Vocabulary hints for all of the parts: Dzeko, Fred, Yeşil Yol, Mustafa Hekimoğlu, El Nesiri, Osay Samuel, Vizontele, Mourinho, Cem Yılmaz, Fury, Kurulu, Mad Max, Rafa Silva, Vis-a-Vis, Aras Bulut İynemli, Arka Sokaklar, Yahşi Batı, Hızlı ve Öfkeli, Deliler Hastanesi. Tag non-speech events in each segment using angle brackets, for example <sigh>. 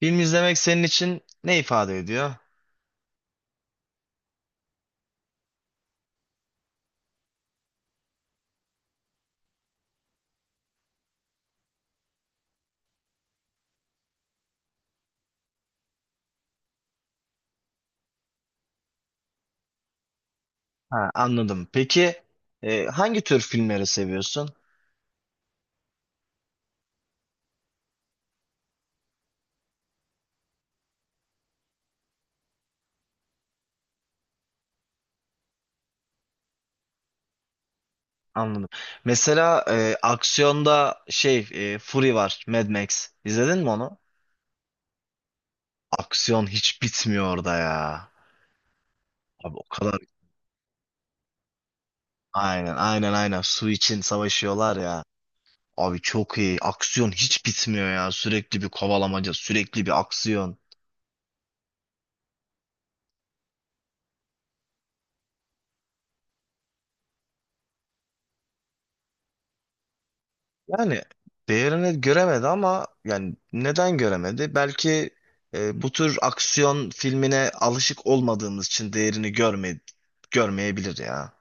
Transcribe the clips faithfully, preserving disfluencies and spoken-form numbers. Film izlemek senin için ne ifade ediyor? Ha, anladım. Peki, e, hangi tür filmleri seviyorsun? Anladım. Mesela e, aksiyonda şey e, Fury var, Mad Max. İzledin mi onu? Aksiyon hiç bitmiyor orada ya. Abi o kadar aynen, aynen, aynen, su için savaşıyorlar ya. Abi çok iyi. Aksiyon hiç bitmiyor ya. Sürekli bir kovalamaca, sürekli bir aksiyon. Yani değerini göremedi ama yani neden göremedi? Belki e, bu tür aksiyon filmine alışık olmadığımız için değerini görme, görmeyebilir ya.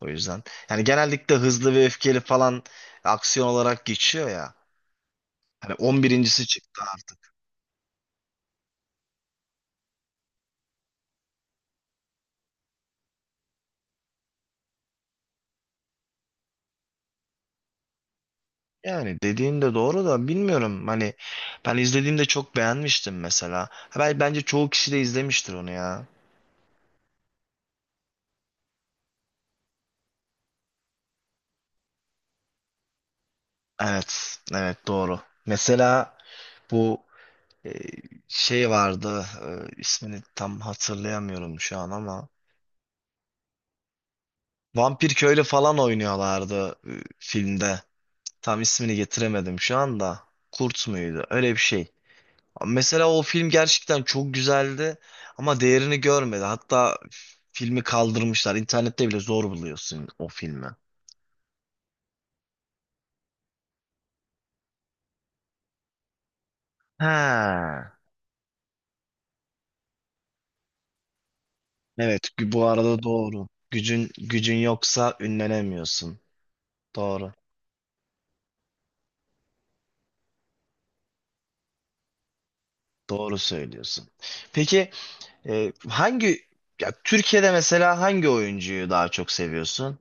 O yüzden. Yani genellikle hızlı ve öfkeli falan aksiyon olarak geçiyor ya. Hani on birincisi.si çıktı artık. Yani dediğin de doğru da bilmiyorum. Hani ben izlediğimde çok beğenmiştim mesela. Ha, Ben, bence çoğu kişi de izlemiştir onu ya. Evet, evet, doğru. Mesela bu Ee, şey vardı, e, ismini tam hatırlayamıyorum şu an ama Vampir Köylü falan oynuyorlardı, e, filmde. Tam ismini getiremedim şu anda. Kurt muydu? Öyle bir şey. Mesela o film gerçekten çok güzeldi ama değerini görmedi. Hatta filmi kaldırmışlar. İnternette bile zor buluyorsun o filmi. Ha. Evet, gü- bu arada doğru. Gücün gücün yoksa ünlenemiyorsun. Doğru. Doğru söylüyorsun. Peki, Ee, hangi ya Türkiye'de mesela hangi oyuncuyu daha çok seviyorsun?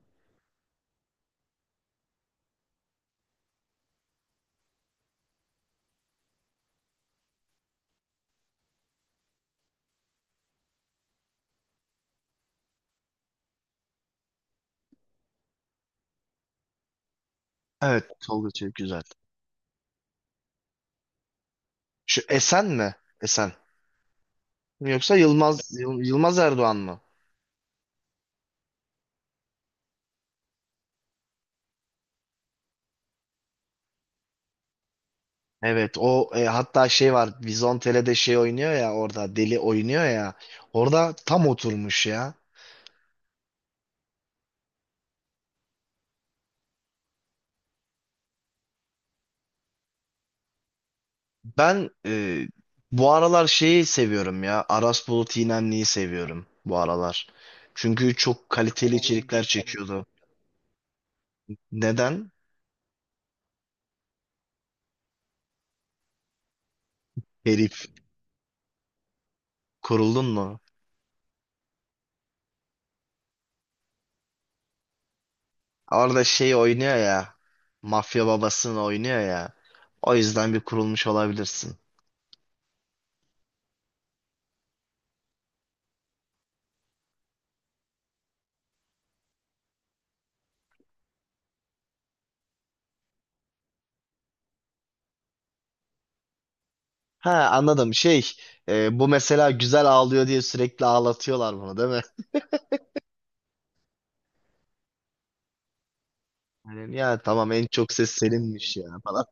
Evet, Tolga Çevik güzel. Şu Esen mi? Esen. Yoksa Yılmaz Yıl- Yılmaz Erdoğan mı? Evet, o, e, hatta şey var. Vizontele'de şey oynuyor ya, orada deli oynuyor ya. Orada tam oturmuş ya. Ben, e, bu aralar şeyi seviyorum ya. Aras Bulut İynemli'yi seviyorum bu aralar. Çünkü çok kaliteli içerikler çekiyordu. Neden? Herif. Kuruldun mu? Orada şey oynuyor ya. Mafya babasını oynuyor ya. O yüzden bir kurulmuş olabilirsin. Ha, anladım. şey e, bu mesela güzel ağlıyor diye sürekli ağlatıyorlar bunu, değil mi? Yani, ya tamam, en çok ses seninmiş ya falan.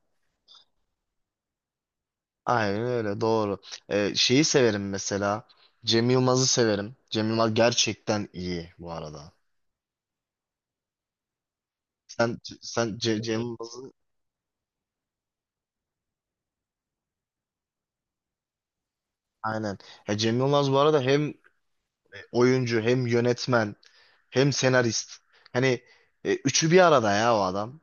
Aynen öyle, doğru. E, şeyi severim mesela. Cem Yılmaz'ı severim. Cem Yılmaz gerçekten iyi bu arada. Sen sen Ce- Cem Yılmaz'ı, aynen. Ya Cem Yılmaz bu arada hem oyuncu, hem yönetmen, hem senarist. Hani e, üçü bir arada ya o adam.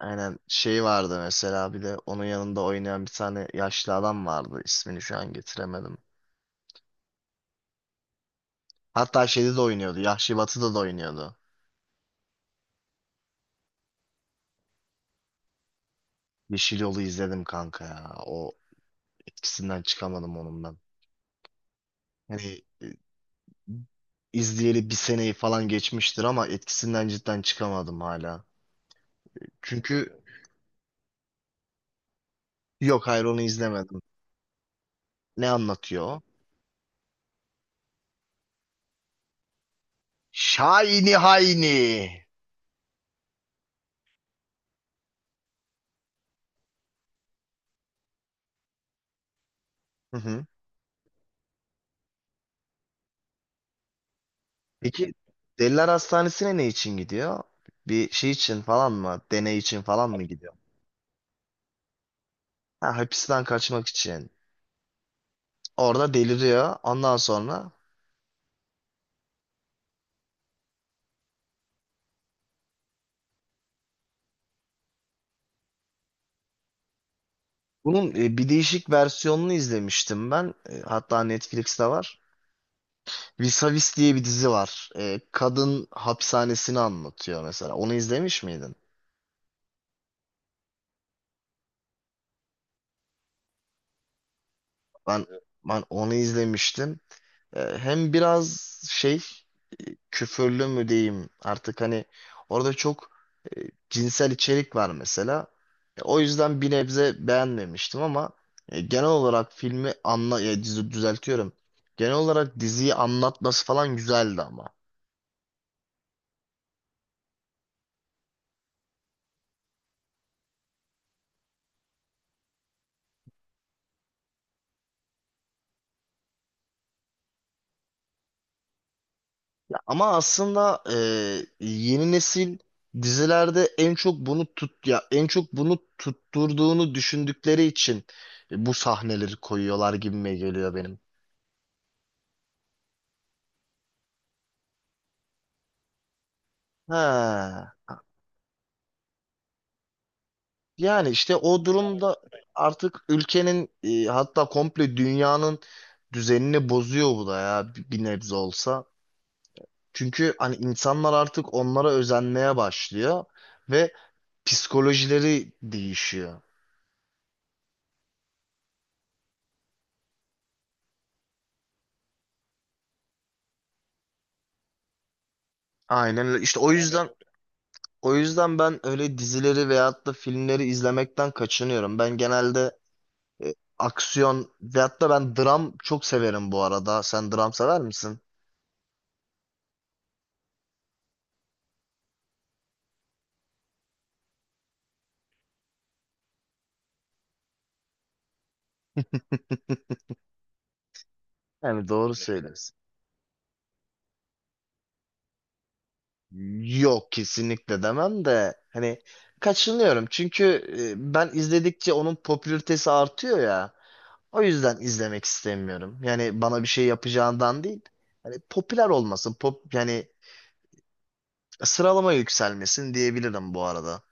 Aynen, şey vardı mesela, bir de onun yanında oynayan bir tane yaşlı adam vardı. İsmini şu an getiremedim. Hatta şeyde de oynuyordu. Yahşi Batı'da da oynuyordu. Yeşil Yol'u izledim kanka ya. O etkisinden çıkamadım onun ben. Hani izleyeli bir seneyi falan geçmiştir ama etkisinden cidden çıkamadım hala. Çünkü yok, hayır, onu izlemedim. Ne anlatıyor o? Şahini Hayni. Hı hı. Peki, Deliler Hastanesi'ne ne için gidiyor? Bir şey için falan mı? Deney için falan mı gidiyor? Ha, hapisten kaçmak için. Orada deliriyor. Ondan sonra bunun, e, bir değişik versiyonunu izlemiştim ben. E, hatta Netflix'te var. Vis-a-Vis diye bir dizi var. E, kadın hapishanesini anlatıyor mesela. Onu izlemiş miydin? Ben ben onu izlemiştim. E, hem biraz şey, küfürlü mü diyeyim artık, hani orada çok e, cinsel içerik var mesela. E, o yüzden bir nebze beğenmemiştim ama e, genel olarak filmi anla e, dizi düzeltiyorum. Genel olarak diziyi anlatması falan güzeldi ama. Ya, ama aslında e, yeni nesil dizilerde en çok bunu tut ya en çok bunu tutturduğunu düşündükleri için e, bu sahneleri koyuyorlar gibime geliyor benim. He. Yani işte o durumda artık ülkenin, e, hatta komple dünyanın düzenini bozuyor bu da ya, bir bir nebze olsa. Çünkü hani insanlar artık onlara özenmeye başlıyor ve psikolojileri değişiyor. Aynen öyle. İşte o yüzden o yüzden ben öyle dizileri veyahut da filmleri izlemekten kaçınıyorum. Ben genelde e, aksiyon veyahut da ben dram çok severim bu arada. Sen dram sever misin? Yani doğru söylüyorsun. Yok, kesinlikle demem de hani kaçınıyorum, çünkü e, ben izledikçe onun popülaritesi artıyor ya. O yüzden izlemek istemiyorum. Yani bana bir şey yapacağından değil. Hani popüler olmasın, pop yani sıralama yükselmesin diyebilirim bu arada.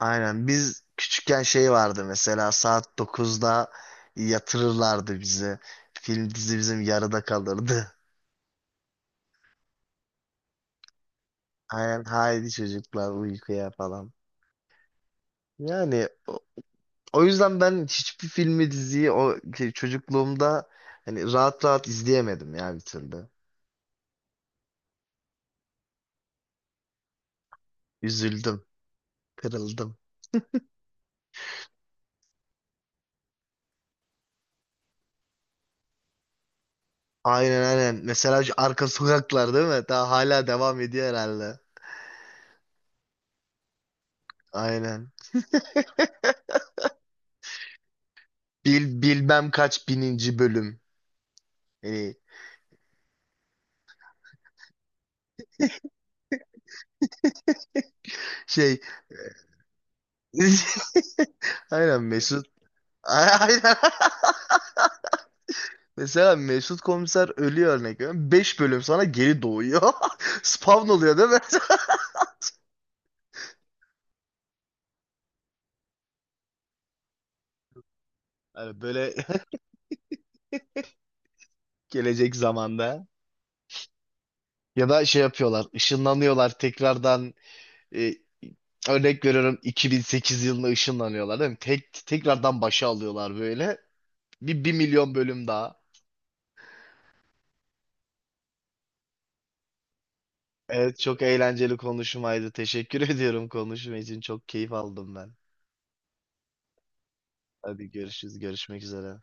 Aynen, biz küçükken şey vardı mesela, saat dokuzda yatırırlardı bizi. Film dizi bizim yarıda kalırdı. <laughs> Aynen, haydi çocuklar uykuya falan. Yani, o yüzden ben hiçbir filmi, diziyi o şey, çocukluğumda hani rahat rahat izleyemedim ya bir türlü. Üzüldüm, kırıldım. Aynen, aynen. Mesela şu Arka Sokaklar, değil mi? Daha hala devam ediyor herhalde. Aynen. Bil, bilmem kaç bininci bölüm. Yani şey <laughs> aynen, Mesut. <laughs> Aynen. Mesela Mesut Komiser ölüyor, örnek veriyorum. Beş bölüm sonra geri doğuyor. <laughs> Spawn oluyor, değil mi? <laughs> Hani böyle <laughs> gelecek zamanda. Ya da şey yapıyorlar, ışınlanıyorlar tekrardan, e, örnek veriyorum, iki bin sekiz yılında ışınlanıyorlar değil mi? Tek, tekrardan başa alıyorlar böyle. Bir, bir milyon bölüm daha. Evet, çok eğlenceli konuşmaydı. Teşekkür <laughs> ediyorum konuşma için. Çok keyif aldım ben. Hadi, görüşürüz. Görüşmek üzere.